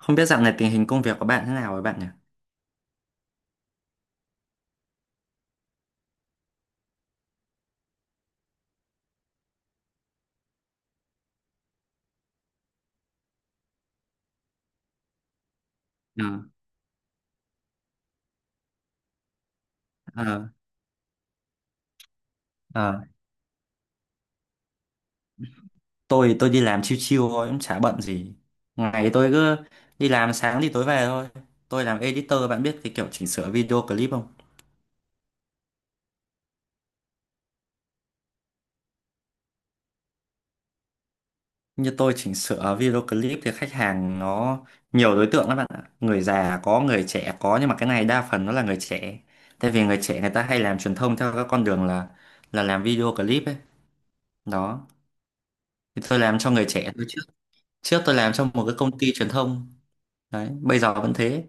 Không biết dạo này tình hình công việc của bạn thế nào rồi bạn nhỉ? Ờ, ờ, ờ. Tôi đi làm chill chill thôi, cũng chả bận gì. Ngày tôi cứ đi làm sáng thì tối về thôi. Tôi làm editor, bạn biết cái kiểu chỉnh sửa video clip không? Như tôi chỉnh sửa video clip thì khách hàng nó nhiều đối tượng lắm bạn ạ. Người già có, người trẻ có, nhưng mà cái này đa phần nó là người trẻ. Tại vì người trẻ người ta hay làm truyền thông theo các con đường là làm video clip ấy. Đó. Thì tôi làm cho người trẻ tôi trước. Trước tôi làm cho một cái công ty truyền thông. Đấy, bây giờ vẫn thế.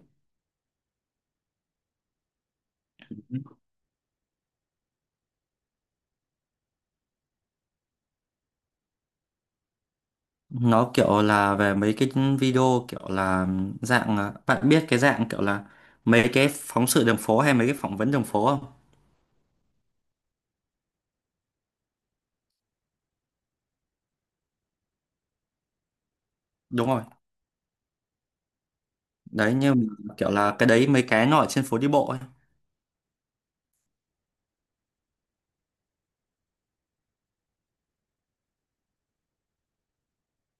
Nó kiểu là về mấy cái video kiểu là dạng bạn biết cái dạng kiểu là mấy cái phóng sự đường phố hay mấy cái phỏng vấn đường phố không? Đúng rồi. Đấy như kiểu là cái đấy mấy cái nó ở trên phố đi bộ ấy.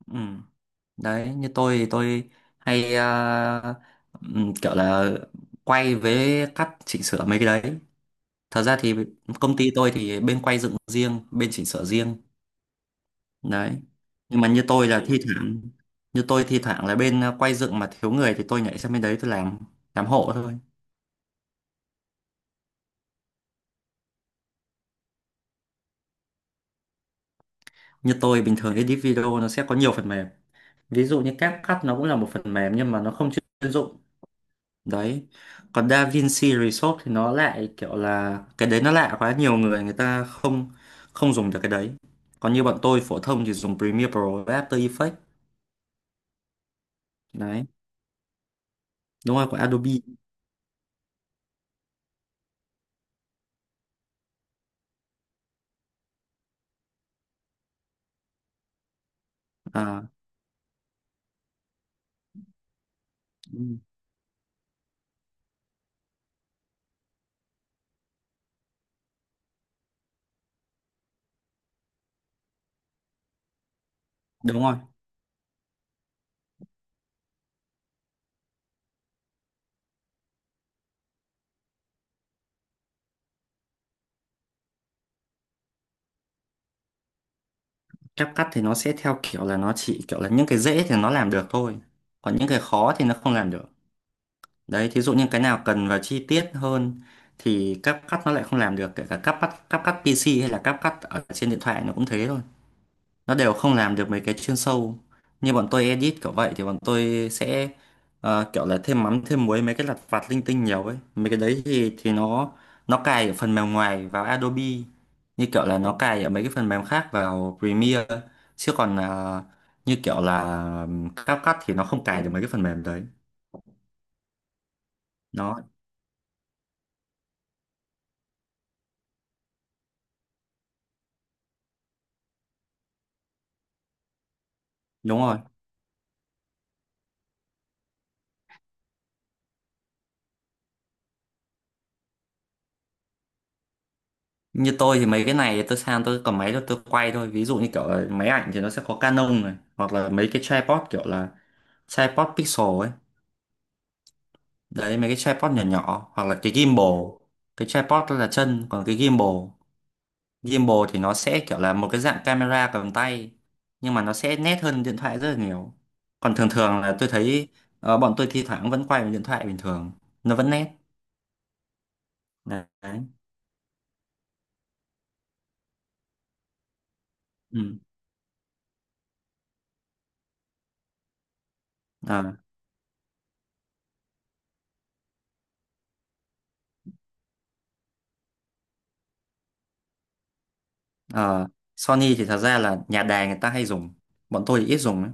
Ừ. Đấy như tôi thì tôi hay kiểu là quay với cắt chỉnh sửa mấy cái đấy. Thật ra thì công ty tôi thì bên quay dựng riêng, bên chỉnh sửa riêng. Đấy, nhưng mà như tôi là ừ, thi thoảng, như tôi thi thoảng là bên quay dựng mà thiếu người thì tôi nhảy sang bên đấy tôi làm hộ thôi. Như tôi bình thường edit video nó sẽ có nhiều phần mềm, ví dụ như CapCut nó cũng là một phần mềm nhưng mà nó không chuyên dụng. Đấy, còn DaVinci Resolve thì nó lại kiểu là cái đấy nó lạ quá, nhiều người người ta không không dùng được cái đấy. Còn như bọn tôi phổ thông thì dùng Premiere Pro và After Effects. Đấy, đúng rồi, của Adobe. À, ừ, đúng rồi. Ép cắt thì nó sẽ theo kiểu là nó chỉ kiểu là những cái dễ thì nó làm được thôi, còn những cái khó thì nó không làm được. Đấy, thí dụ như cái nào cần vào chi tiết hơn thì cáp cắt nó lại không làm được, kể cả cáp cắt PC hay là cáp cắt ở trên điện thoại nó cũng thế thôi, nó đều không làm được mấy cái chuyên sâu. Như bọn tôi edit kiểu vậy thì bọn tôi sẽ kiểu là thêm mắm thêm muối mấy cái lặt vặt linh tinh nhiều ấy, mấy cái đấy thì nó cài ở phần mềm ngoài vào Adobe, như kiểu là nó cài ở mấy cái phần mềm khác vào Premiere, chứ còn như kiểu là CapCut thì nó không cài được mấy cái phần mềm đấy. Nó đúng rồi. Như tôi thì mấy cái này tôi sang tôi cầm máy tôi quay thôi, ví dụ như kiểu là máy ảnh thì nó sẽ có Canon này, hoặc là mấy cái tripod kiểu là tripod pixel ấy. Đấy, mấy cái tripod nhỏ nhỏ, hoặc là cái gimbal. Cái tripod đó là chân, còn cái gimbal, gimbal thì nó sẽ kiểu là một cái dạng camera cầm tay, nhưng mà nó sẽ nét hơn điện thoại rất là nhiều. Còn thường thường là tôi thấy bọn tôi thi thoảng vẫn quay bằng điện thoại bình thường, nó vẫn nét. Đấy. Ừ. Ờ, ờ. Sony thì thật ra là nhà đài người ta hay dùng, bọn tôi thì ít dùng ấy.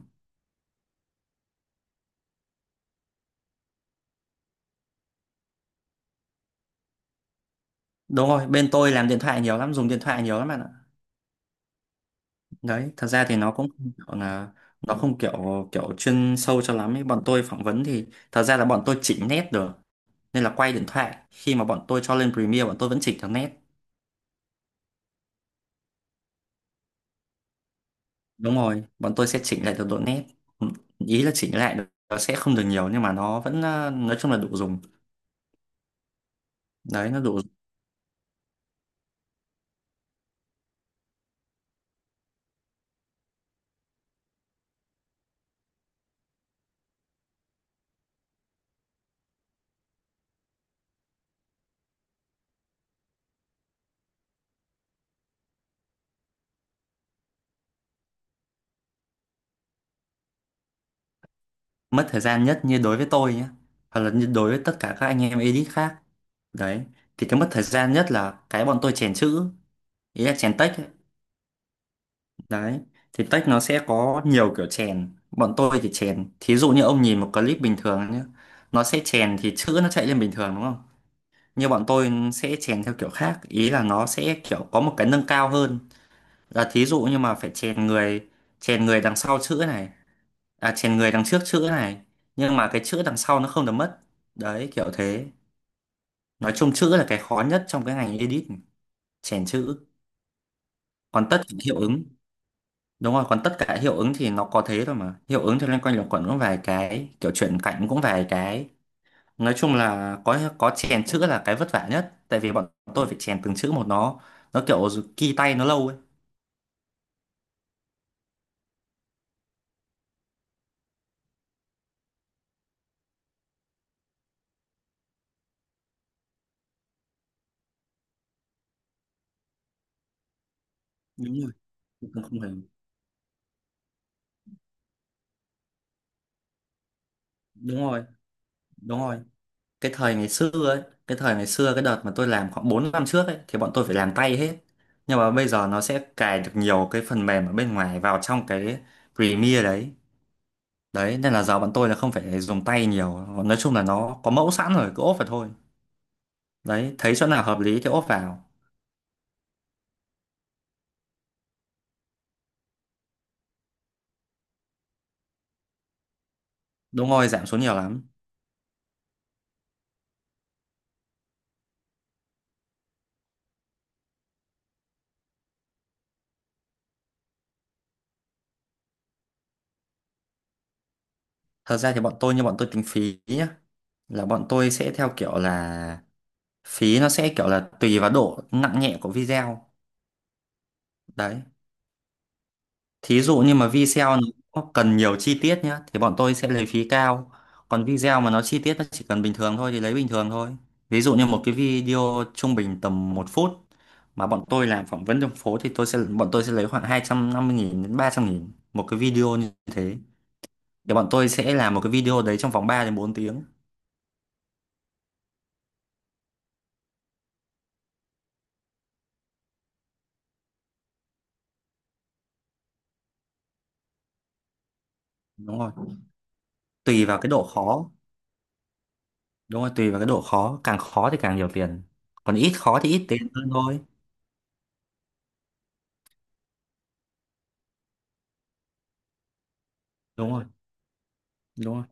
Đúng rồi, bên tôi làm điện thoại nhiều lắm, dùng điện thoại nhiều lắm bạn ạ. Đấy, thật ra thì nó cũng không kiểu là nó không kiểu kiểu chuyên sâu cho lắm ấy. Bọn tôi phỏng vấn thì thật ra là bọn tôi chỉnh nét được, nên là quay điện thoại khi mà bọn tôi cho lên Premiere bọn tôi vẫn chỉnh được nét. Đúng rồi, bọn tôi sẽ chỉnh lại được độ nét. Ừ, ý là chỉnh lại được, nó sẽ không được nhiều nhưng mà nó vẫn nói chung là đủ dùng. Đấy, nó đủ. Mất thời gian nhất như đối với tôi nhé, hoặc là như đối với tất cả các anh em edit khác. Đấy, thì cái mất thời gian nhất là cái bọn tôi chèn chữ, ý là chèn text ấy. Đấy, thì tech nó sẽ có nhiều kiểu chèn. Bọn tôi thì chèn. Thí dụ như ông nhìn một clip bình thường nhé. Nó sẽ chèn thì chữ nó chạy lên bình thường đúng không? Như bọn tôi sẽ chèn theo kiểu khác. Ý là nó sẽ kiểu có một cái nâng cao hơn. Là thí dụ như mà phải chèn người đằng sau chữ này. À, chèn người đằng trước chữ này. Nhưng mà cái chữ đằng sau nó không được mất. Đấy, kiểu thế. Nói chung chữ là cái khó nhất trong cái ngành edit. Chèn chữ. Còn tất cả hiệu ứng. Đúng rồi, còn tất cả hiệu ứng thì nó có thế thôi mà. Hiệu ứng thì loanh quanh luẩn quẩn cũng vài cái, kiểu chuyển cảnh cũng vài cái. Nói chung là có chèn chữ là cái vất vả nhất, tại vì bọn tôi phải chèn từng chữ một, nó kiểu ghi tay nó lâu ấy. Đúng rồi, không không phải. Đúng rồi, đúng rồi. Cái thời ngày xưa ấy, cái thời ngày xưa cái đợt mà tôi làm khoảng 4 năm trước ấy thì bọn tôi phải làm tay hết. Nhưng mà bây giờ nó sẽ cài được nhiều cái phần mềm ở bên ngoài vào trong cái Premiere đấy. Đấy, nên là giáo bọn tôi là không phải dùng tay nhiều, nói chung là nó có mẫu sẵn rồi cứ ốp vào thôi. Đấy, thấy chỗ nào hợp lý thì ốp vào. Đúng rồi, giảm xuống nhiều lắm. Thật ra thì bọn tôi, như bọn tôi tính phí nhá, là bọn tôi sẽ theo kiểu là phí nó sẽ kiểu là tùy vào độ nặng nhẹ của video. Đấy. Thí dụ như mà video nó cần nhiều chi tiết nhá thì bọn tôi sẽ lấy phí cao. Còn video mà nó chi tiết nó chỉ cần bình thường thôi thì lấy bình thường thôi. Ví dụ như một cái video trung bình tầm 1 phút mà bọn tôi làm phỏng vấn trong phố thì tôi sẽ bọn tôi sẽ lấy khoảng 250.000 đến 300.000 một cái video như thế. Thì bọn tôi sẽ làm một cái video đấy trong vòng 3 đến 4 tiếng. Đúng rồi. Tùy vào cái độ khó. Đúng rồi, tùy vào cái độ khó, càng khó thì càng nhiều tiền. Còn ít khó thì ít tiền hơn thôi. Đúng rồi. Đúng rồi.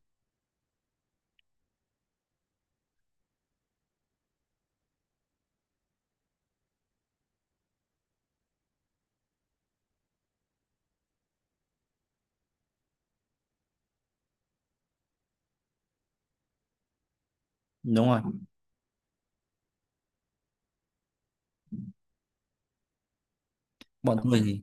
Đúng rồi. Bọn tôi thì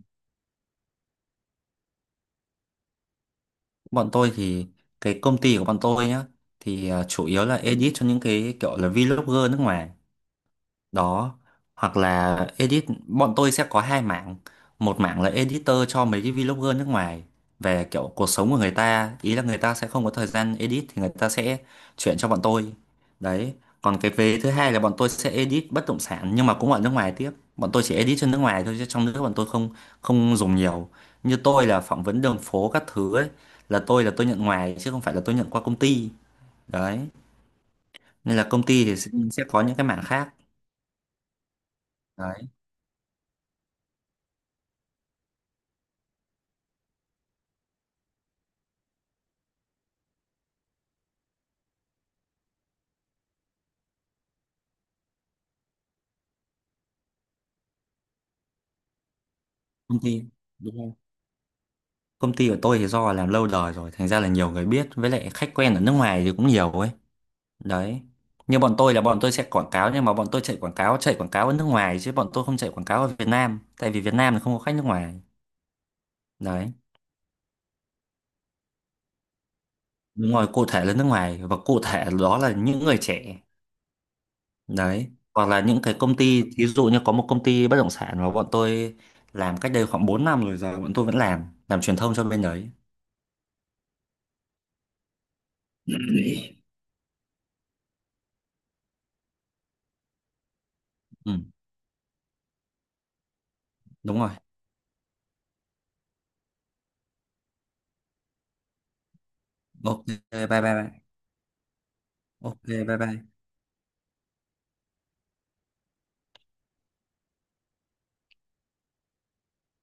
bọn tôi thì cái công ty của bọn tôi nhá thì chủ yếu là edit cho những cái kiểu là vlogger nước ngoài đó, hoặc là edit bọn tôi sẽ có hai mảng. Một mảng là editor cho mấy cái vlogger nước ngoài về kiểu cuộc sống của người ta, ý là người ta sẽ không có thời gian edit thì người ta sẽ chuyển cho bọn tôi. Đấy, còn cái vế thứ hai là bọn tôi sẽ edit bất động sản nhưng mà cũng ở nước ngoài tiếp. Bọn tôi chỉ edit cho nước ngoài thôi chứ trong nước bọn tôi không không dùng nhiều. Như tôi là phỏng vấn đường phố các thứ ấy, là tôi nhận ngoài chứ không phải là tôi nhận qua công ty. Đấy, nên là công ty thì sẽ có những cái mảng khác. Công ty đúng không? Công ty của tôi thì do làm lâu đời rồi thành ra là nhiều người biết, với lại khách quen ở nước ngoài thì cũng nhiều ấy. Đấy, như bọn tôi là bọn tôi sẽ quảng cáo, nhưng mà bọn tôi chạy quảng cáo ở nước ngoài chứ bọn tôi không chạy quảng cáo ở Việt Nam, tại vì Việt Nam thì không có khách nước ngoài. Đấy, đúng rồi, cụ thể là nước ngoài và cụ thể đó là những người trẻ. Đấy, hoặc là những cái công ty, ví dụ như có một công ty bất động sản mà bọn tôi làm cách đây khoảng 4 năm rồi, giờ bọn tôi vẫn làm truyền thông cho bên đấy. Ừ, đúng rồi. Ok, bye bye bye. Ok, bye bye.